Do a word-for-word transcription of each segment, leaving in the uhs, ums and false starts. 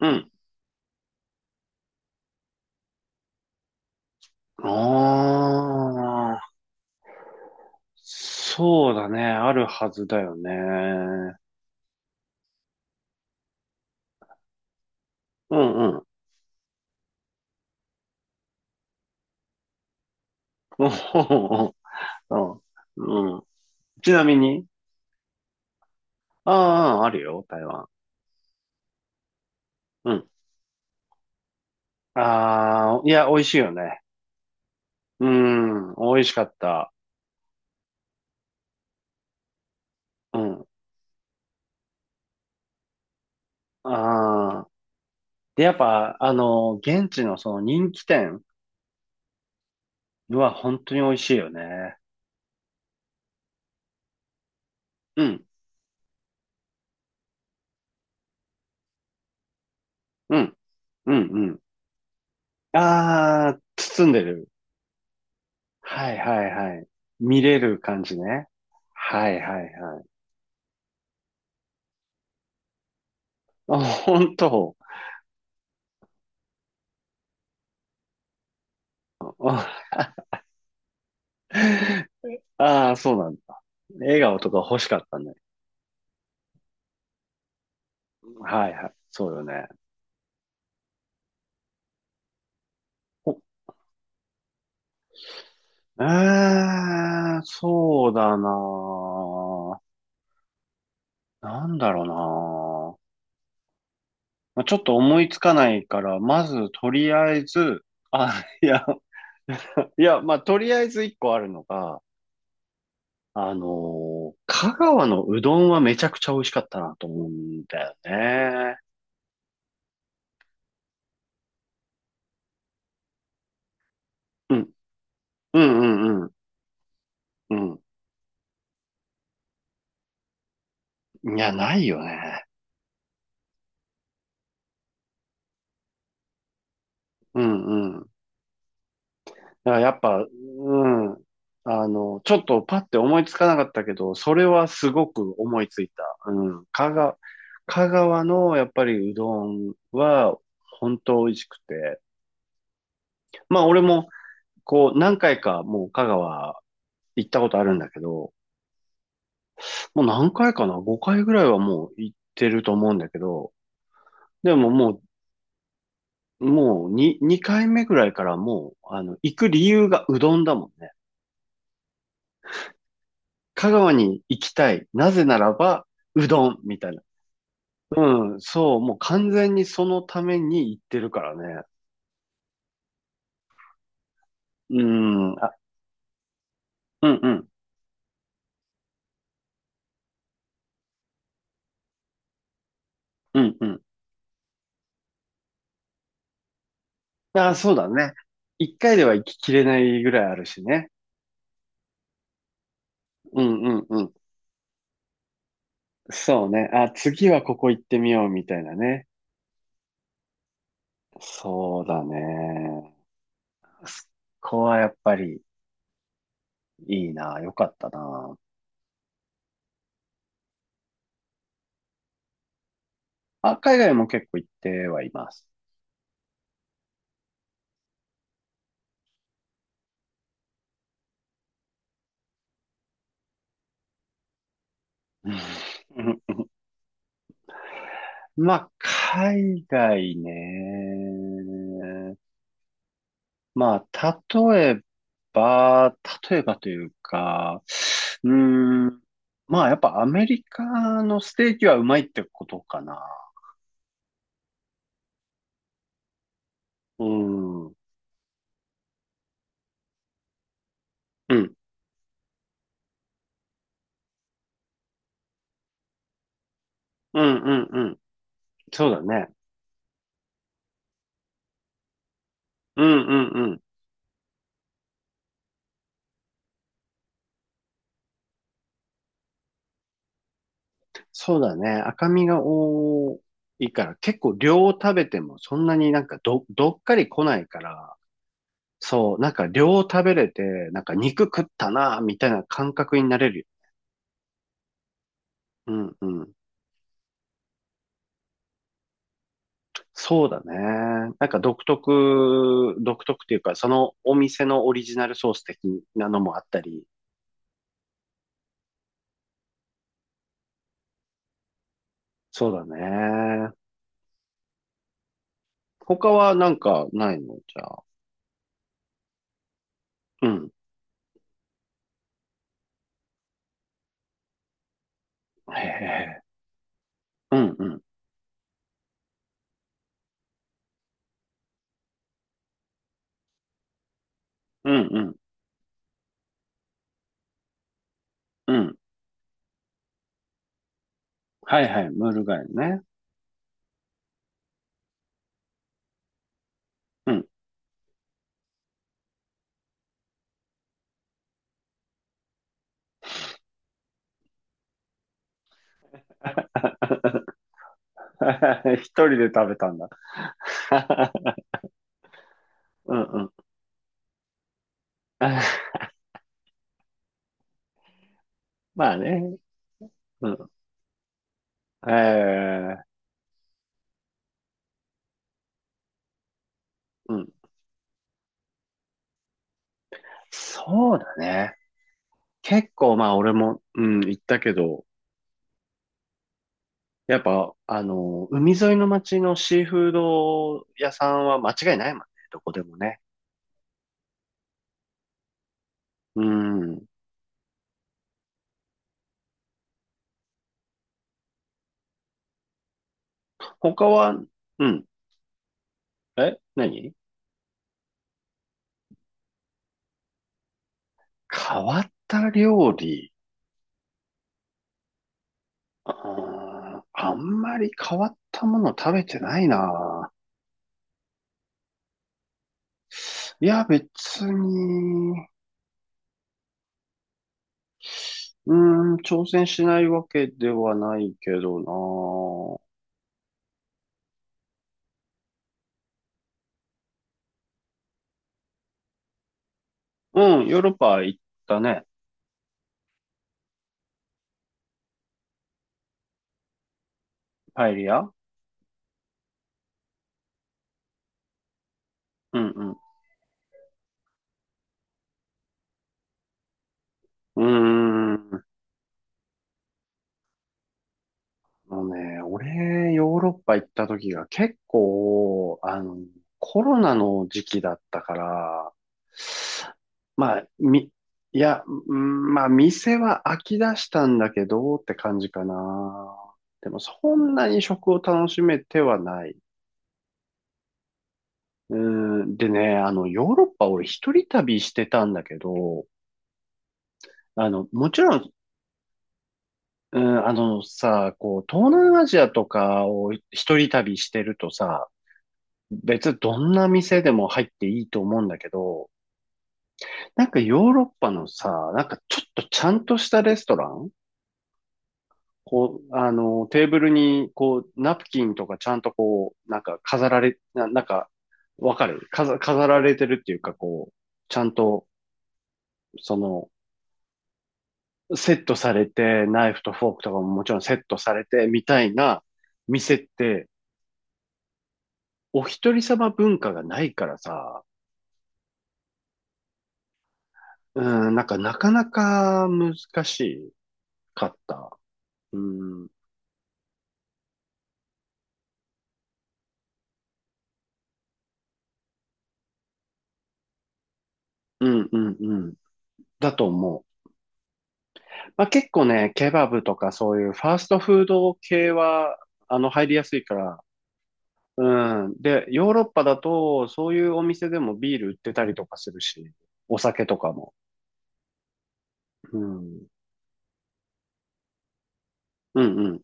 うん。ああ、そうだね。あるはずだよね。うんうん。おほほほうんうん。ちなみに、ああ、あるよ、台湾。うん。ああ、いや、美味しいよね。うん、美味しかった。うん。ああ。で、やっぱ、あの、現地のその人気店は本当に美味しいよね。うん、うん、うん、うん。ああ、包んでる。はいはいはい。見れる感じね。はいはいはい。あ、本当。あ あー、そうなんだ。笑顔とか欲しかったね。はいはい。そうよね。おえー、そうだなあ。なんだろうなあ。まあちょっと思いつかないから、まずとりあえず、あ、いや、いや、まあ、とりあえず一個あるのが、あのー香川のうどんはめちゃくちゃ美味しかったなと思うんだよね。うん、うん、うん、うん、うん。いや、ないよね。うん、うん。だからやっぱ、うん。あの、ちょっとパッて思いつかなかったけど、それはすごく思いついた。うん。香川、香川のやっぱりうどんは本当美味しくて。まあ俺もこう何回かもう香川行ったことあるんだけど、もう何回かな？ ご 回ぐらいはもう行ってると思うんだけど、でももう、もう2、にかいめぐらいからもう、あの、行く理由がうどんだもんね。香川に行きたい。なぜならば、うどん、みたいな。うん、そう、もう完全にそのために行ってるからね。うん、あ、うんうん、うんうん。あ、そうだね。いっかいでは行ききれないぐらいあるしね。うんうんうん。そうね。あ、次はここ行ってみようみたいなね。そうだね。そこはやっぱりいいな、良かったな。あ、海外も結構行ってはいます。うんまあ、海外ね。まあ、例えば、例えばというか、うーん、まあ、やっぱアメリカのステーキはうまいってことかな。うん、うん、うん、うん、うん。そうだね。うん、うん、うん。そうだね。赤身が多いから、結構量を食べてもそんなになんかど、どっかり来ないから、そう、なんか量を食べれて、なんか肉食ったな、みたいな感覚になれるよ。うんうん。そうだね。なんか独特、独特っていうか、そのお店のオリジナルソース的なのもあったり。そうだね。他はなんかないのじゃあ。うん。へえ。うんうん。うんうん。うん。はいはい。ムール貝ね。うん 一人で食べたんだ。うんうん。まあね。うん。ええうん。そうだね。結構まあ俺も、うん、行ったけど、やっぱ、あの、海沿いの町のシーフード屋さんは間違いないもんね。どこでもね。うん。他は、うん。え、何変わった料理。うーんあんまり変わったもの食べてないな。いや、別に、うーん、挑戦しないわけではないけどな。うん、ヨーロッパ行ったね。パエリアうんうん。うーん。もうね、俺、ヨーロッパ行った時が結構、あの、コロナの時期だったから、まあ、み、いや、うんまあ、店は飽き出したんだけどって感じかな。でも、そんなに食を楽しめてはない。うーん、でね、あの、ヨーロッパ俺一人旅してたんだけど、あの、もちろん、うん、あのさ、こう、東南アジアとかを一人旅してるとさ、別にどんな店でも入っていいと思うんだけど、なんかヨーロッパのさ、なんかちょっとちゃんとしたレストランこう、あの、テーブルに、こう、ナプキンとかちゃんとこう、なんか飾られ、な、なんか、わかる飾、飾られてるっていうか、こう、ちゃんと、その、セットされて、ナイフとフォークとかももちろんセットされて、みたいな店って、お一人様文化がないからさ、うん、なんかなかなか難しかった。うん、うん、うん、うん。だと思う。まあ、結構ね、ケバブとかそういうファーストフード系は、あの、入りやすいから、うん。で、ヨーロッパだと、そういうお店でもビール売ってたりとかするし、お酒とかも。うん。うんうん。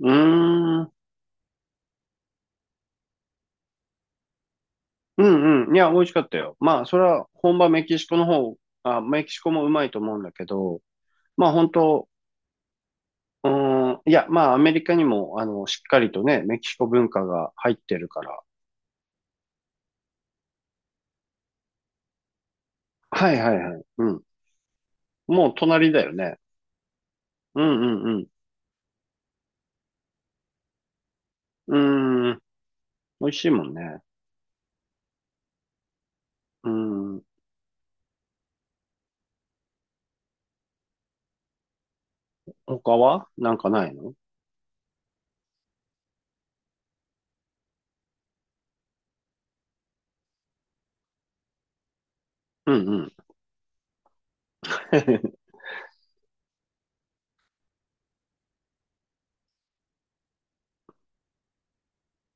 うーん。うんうん。いや、美味しかったよ。まあ、それは本場メキシコの方、あ、メキシコもうまいと思うんだけど、まあ本当、うーん、いや、まあアメリカにも、あの、しっかりとね、メキシコ文化が入ってるから。はいはいはい。うん。もう隣だよね。うんうんうん。うーん、美味しいもんね。うーん。他はなんかないの？うんうん。